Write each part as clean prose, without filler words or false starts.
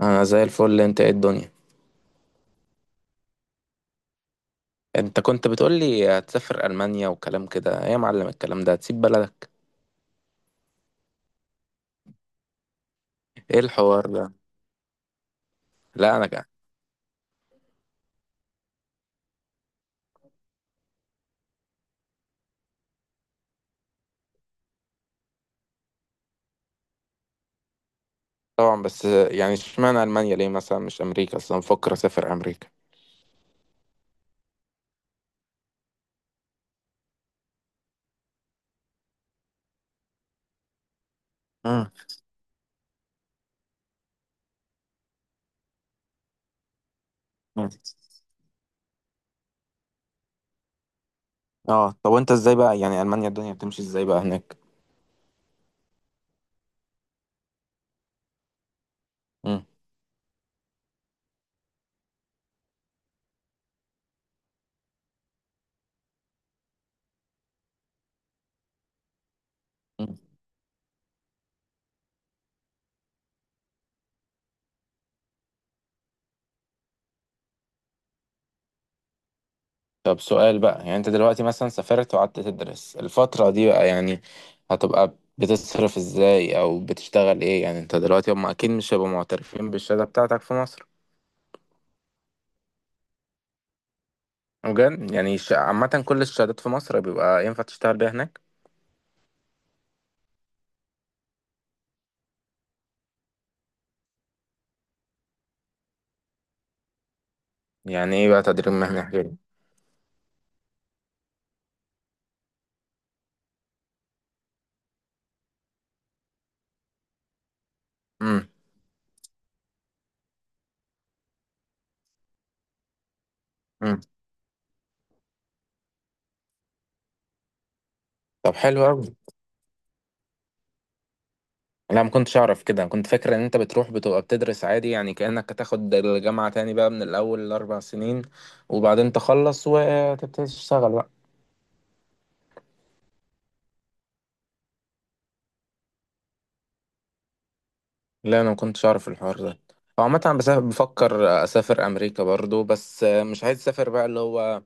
انا زي الفل. انت ايه الدنيا؟ انت كنت بتقول لي هتسافر المانيا وكلام كده، ايه يا معلم الكلام ده؟ هتسيب بلدك؟ ايه الحوار ده؟ لا، انا كده. طبعا بس. يعني اشمعنى المانيا؟ ليه مثلا مش امريكا؟ اصلا بفكر اسافر امريكا. امم. اه، طب وانت ازاي بقى؟ يعني المانيا الدنيا بتمشي ازاي بقى هناك؟ امم. طب سؤال بقى، يعني انت دلوقتي مثلا سافرت وقعدت تدرس الفترة دي بقى يعني هتبقى بتصرف ازاي او بتشتغل ايه يعني؟ انت دلوقتي هم اكيد مش هيبقوا معترفين بالشهادة بتاعتك في مصر. بجد؟ يعني عامة كل الشهادات في مصر بيبقى ينفع تشتغل بيها هناك؟ يعني ايه بقى تدريب مهني غيري؟ امم. امم. طب حلو قوي. لا، ما كنتش اعرف كده. كنت فاكر ان انت بتروح بتبقى بتدرس عادي، يعني كأنك هتاخد الجامعة تاني بقى من الاول الاربع سنين وبعدين تخلص وتبتدي تشتغل بقى. لا، انا ما كنتش اعرف الحوار ده. هو عامة أنا بفكر اسافر امريكا برضو. بس مش عايز اسافر بقى اللي هو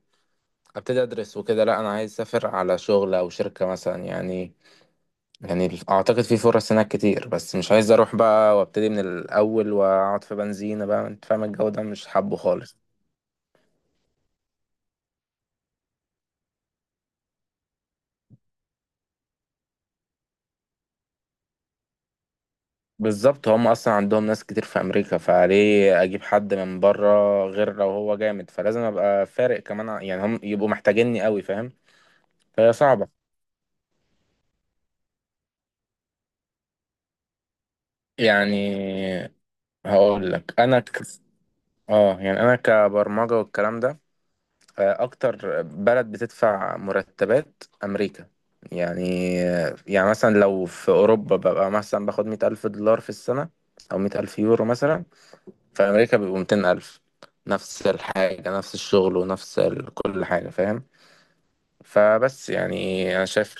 ابتدي ادرس وكده. لا، انا عايز اسافر على شغل او شركة مثلا يعني. يعني اعتقد في فرص هناك كتير. بس مش عايز اروح بقى وابتدي من الاول واقعد في بنزينة بقى. انت فاهم؟ الجو ده مش حابه خالص. بالظبط، هم اصلا عندهم ناس كتير في امريكا، فليه اجيب حد من بره؟ غير لو هو جامد فلازم ابقى فارق كمان، يعني هم يبقوا محتاجيني قوي. فاهم؟ فهي صعبة. يعني هقول لك انا اه، يعني انا كبرمجة والكلام ده. اكتر بلد بتدفع مرتبات امريكا يعني. يعني مثلا لو في اوروبا ببقى مثلا باخد $100,000 في السنة، او €100,000 مثلا. في امريكا بيبقوا 200,000. نفس الحاجة، نفس الشغل، كل حاجة. فاهم؟ فبس يعني انا شايف.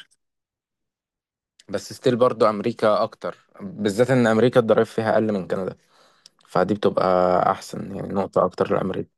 بس ستيل برضو امريكا اكتر، بالذات ان امريكا الضرايب فيها اقل من كندا. فدي بتبقى احسن، يعني نقطة اكتر لامريكا.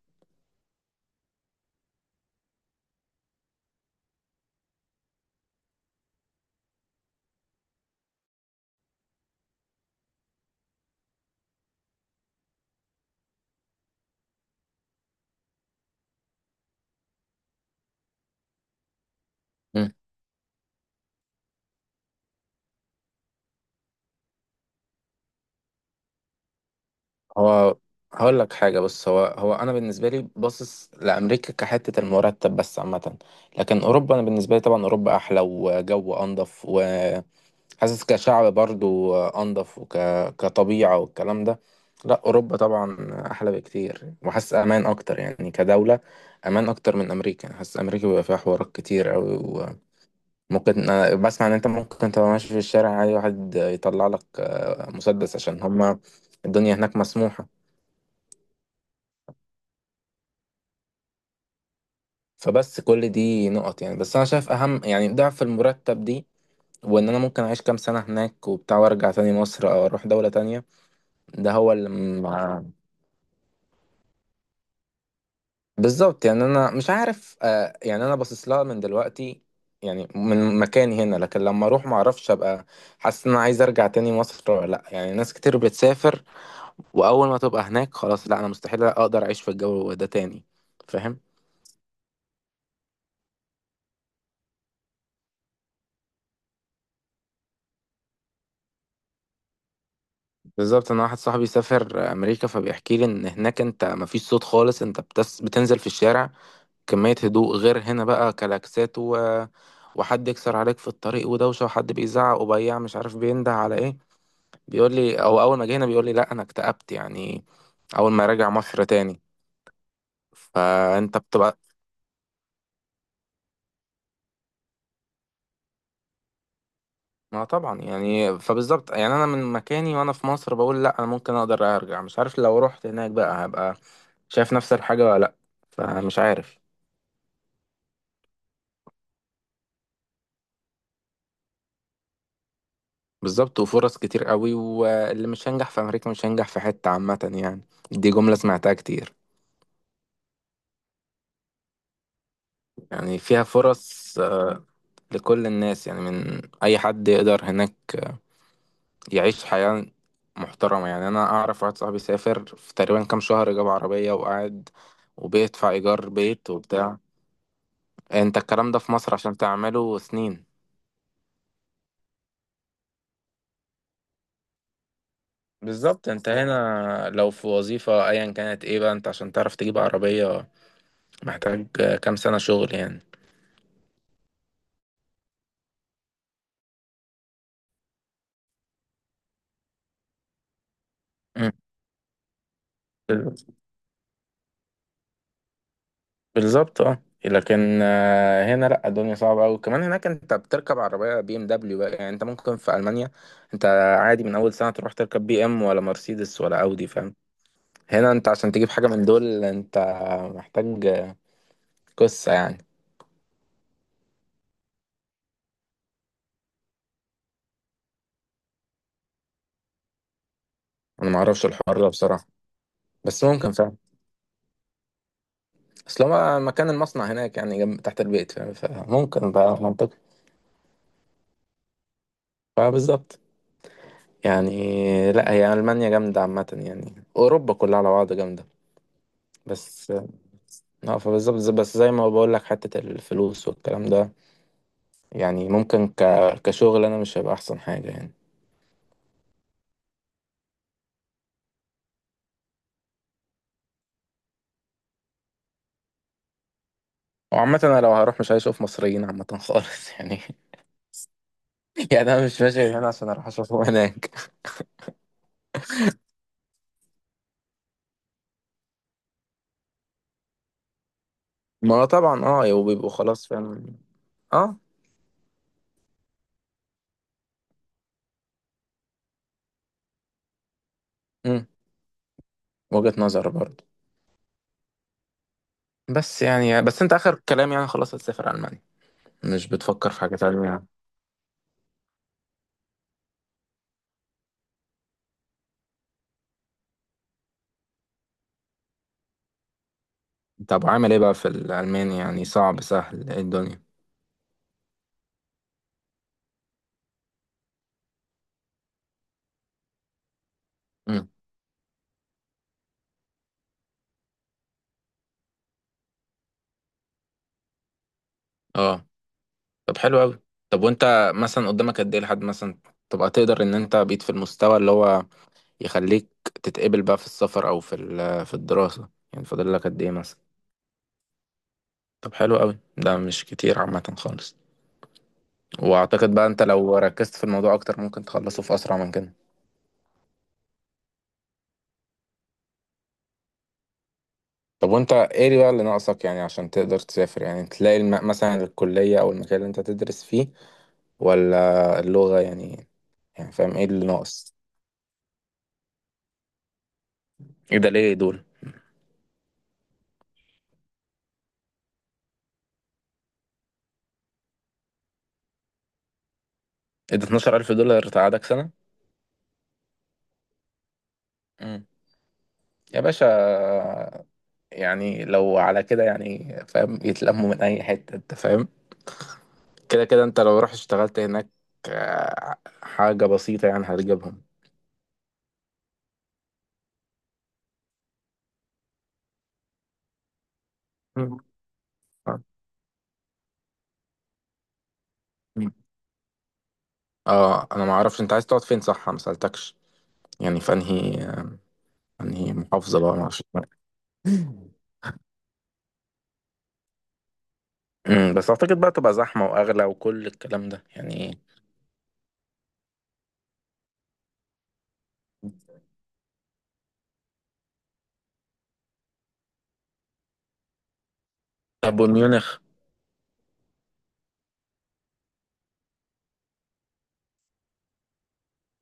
هو هقول لك حاجة بس. هو أنا بالنسبة لي باصص لأمريكا كحتة المرتب بس عامة. لكن أوروبا، أنا بالنسبة لي طبعا أوروبا أحلى وجو أنضف، وحاسس كشعب برضو أنضف كطبيعة والكلام ده. لا، أوروبا طبعا أحلى بكتير. وحاسس أمان أكتر يعني كدولة، أمان أكتر من أمريكا. حاسس أمريكا بيبقى فيها حوارات كتير أوي. وممكن، أنا بسمع إن أنت ممكن تبقى ماشي في الشارع عادي واحد يطلع لك مسدس، عشان هما الدنيا هناك مسموحة. فبس كل دي نقط، يعني بس انا شايف اهم يعني ضعف المرتب دي. وان انا ممكن اعيش كام سنة هناك وبتاع وارجع تاني مصر، او اروح دولة تانية. ده هو اللي مع... بالظبط، يعني انا مش عارف. يعني انا باصص لها من دلوقتي، يعني من مكاني هنا، لكن لما اروح ما اعرفش ابقى حاسس ان انا عايز ارجع تاني مصر ولا لا. يعني ناس كتير بتسافر واول ما تبقى هناك خلاص لا، انا مستحيل اقدر اعيش في الجو ده تاني. فاهم؟ بالظبط، انا واحد صاحبي سافر امريكا فبيحكي لي ان هناك انت مفيش صوت خالص. بتنزل في الشارع، كمية هدوء غير هنا، بقى كلاكسات وحد يكسر عليك في الطريق ودوشة، وحد بيزعق وبياع مش عارف بينده على ايه. بيقول لي، او اول ما جينا بيقول لي لا انا اكتئبت يعني اول ما راجع مصر تاني. فانت بتبقى. ما طبعا يعني، فبالظبط يعني انا من مكاني وانا في مصر بقول لا انا ممكن اقدر ارجع. مش عارف لو رحت هناك بقى هبقى شايف نفس الحاجة ولا لا. فمش عارف. بالظبط، وفرص كتير قوي. واللي مش هينجح في أمريكا مش هينجح في حتة عامة يعني. دي جملة سمعتها كتير. يعني فيها فرص لكل الناس يعني، من أي حد يقدر هناك يعيش حياة محترمة. يعني أنا أعرف واحد صاحبي سافر في تقريبا كام شهر جاب عربية وقعد وبيدفع إيجار بيت وبتاع. أنت الكلام ده في مصر عشان تعمله سنين. بالظبط، انت هنا لو في وظيفة ايا كانت ايه بقى انت عشان تعرف تجيب عربية محتاج كام سنة شغل يعني. مم. بالظبط. اه، لكن هنا لا الدنيا صعبة أوي. كمان هناك أنت بتركب عربية بي إم دبليو بقى، يعني أنت ممكن في ألمانيا أنت عادي من أول سنة تروح تركب بي إم ولا مرسيدس ولا أودي. فاهم؟ هنا أنت عشان تجيب حاجة من دول أنت محتاج قصة يعني. أنا معرفش الحوار ده بصراحة. بس ممكن. فاهم؟ أصل هو مكان المصنع هناك يعني جنب تحت البيت. فاهم؟ فممكن بقى منطقي. فبالظبط. يعني لا، هي ألمانيا جامدة عامة. يعني أوروبا كلها على بعض جامدة. بس اه، فبالظبط بس زي ما بقول لك حتة الفلوس والكلام ده. يعني ممكن كشغل انا مش هيبقى احسن حاجة يعني. وعامة انا لو هروح مش هشوف مصريين عامة خالص يعني. يعني انا مش ماشي هنا عشان اروح اشوفهم هناك. ما هو طبعا. اه، وبيبقوا خلاص. فاهم؟ اه. امم. وجهة نظر برضه. بس يعني، بس انت اخر كلام يعني خلاص هتسافر المانيا؟ مش بتفكر في حاجة تانية يعني؟ طب عامل ايه بقى في الالماني؟ يعني صعب سهل ايه الدنيا؟ امم. اه. طب حلو قوي. طب وانت مثلا قدامك قد ايه لحد مثلا تبقى تقدر ان انت بقيت في المستوى اللي هو يخليك تتقبل بقى في السفر في الدراسة؟ يعني فاضل لك قد ايه مثلا؟ طب حلو قوي. ده مش كتير عامة خالص. واعتقد بقى انت لو ركزت في الموضوع اكتر ممكن تخلصه في اسرع من كده. طب وانت ايه بقى اللي ناقصك يعني عشان تقدر تسافر؟ يعني تلاقي مثلا الكلية او المكان اللي انت تدرس فيه، ولا اللغة يعني؟ يعني فاهم ايه اللي ناقص؟ ايه ده؟ ليه دول؟ ايه ده $12,000 تقعدك سنة يا باشا؟ يعني لو على كده، يعني فاهم، يتلموا من اي حته. انت فاهم؟ كده كده انت لو رحت اشتغلت هناك آه، حاجه بسيطه يعني هتجيبهم. مم. اه. مم. انا ما اعرفش انت عايز تقعد فين، صح ما سالتكش. يعني في انهي محافظه بقى، ما اعرفش. بس اعتقد بقى تبقى زحمه واغلى وكل الكلام ده يعني. طب وميونخ؟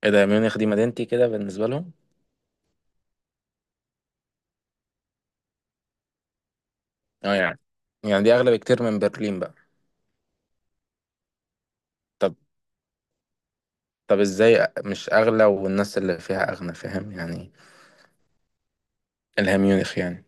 ايه ده، ميونخ دي مدينتي كده بالنسبه لهم؟ اه يعني. يعني دي اغلى بكتير من برلين بقى؟ طب طب ازاي مش اغلى والناس اللي فيها اغنى؟ فاهم يعني؟ الهام ميونخ يعني.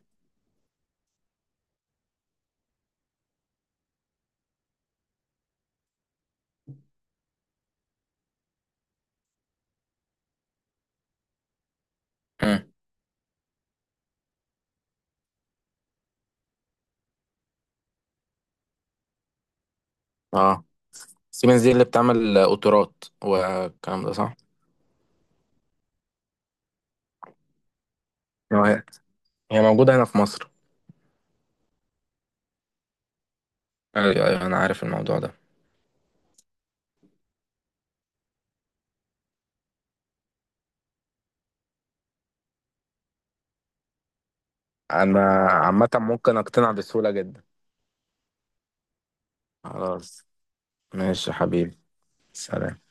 امم. اه، سيمنز دي اللي بتعمل قطارات والكلام ده، صح؟ آه، هي موجودة هنا في مصر؟ ايوه، ايوه، أيوة، انا عارف الموضوع ده. انا عامة ممكن اقتنع بسهولة جدا. خلاص. ماشي يا حبيبي. سلام.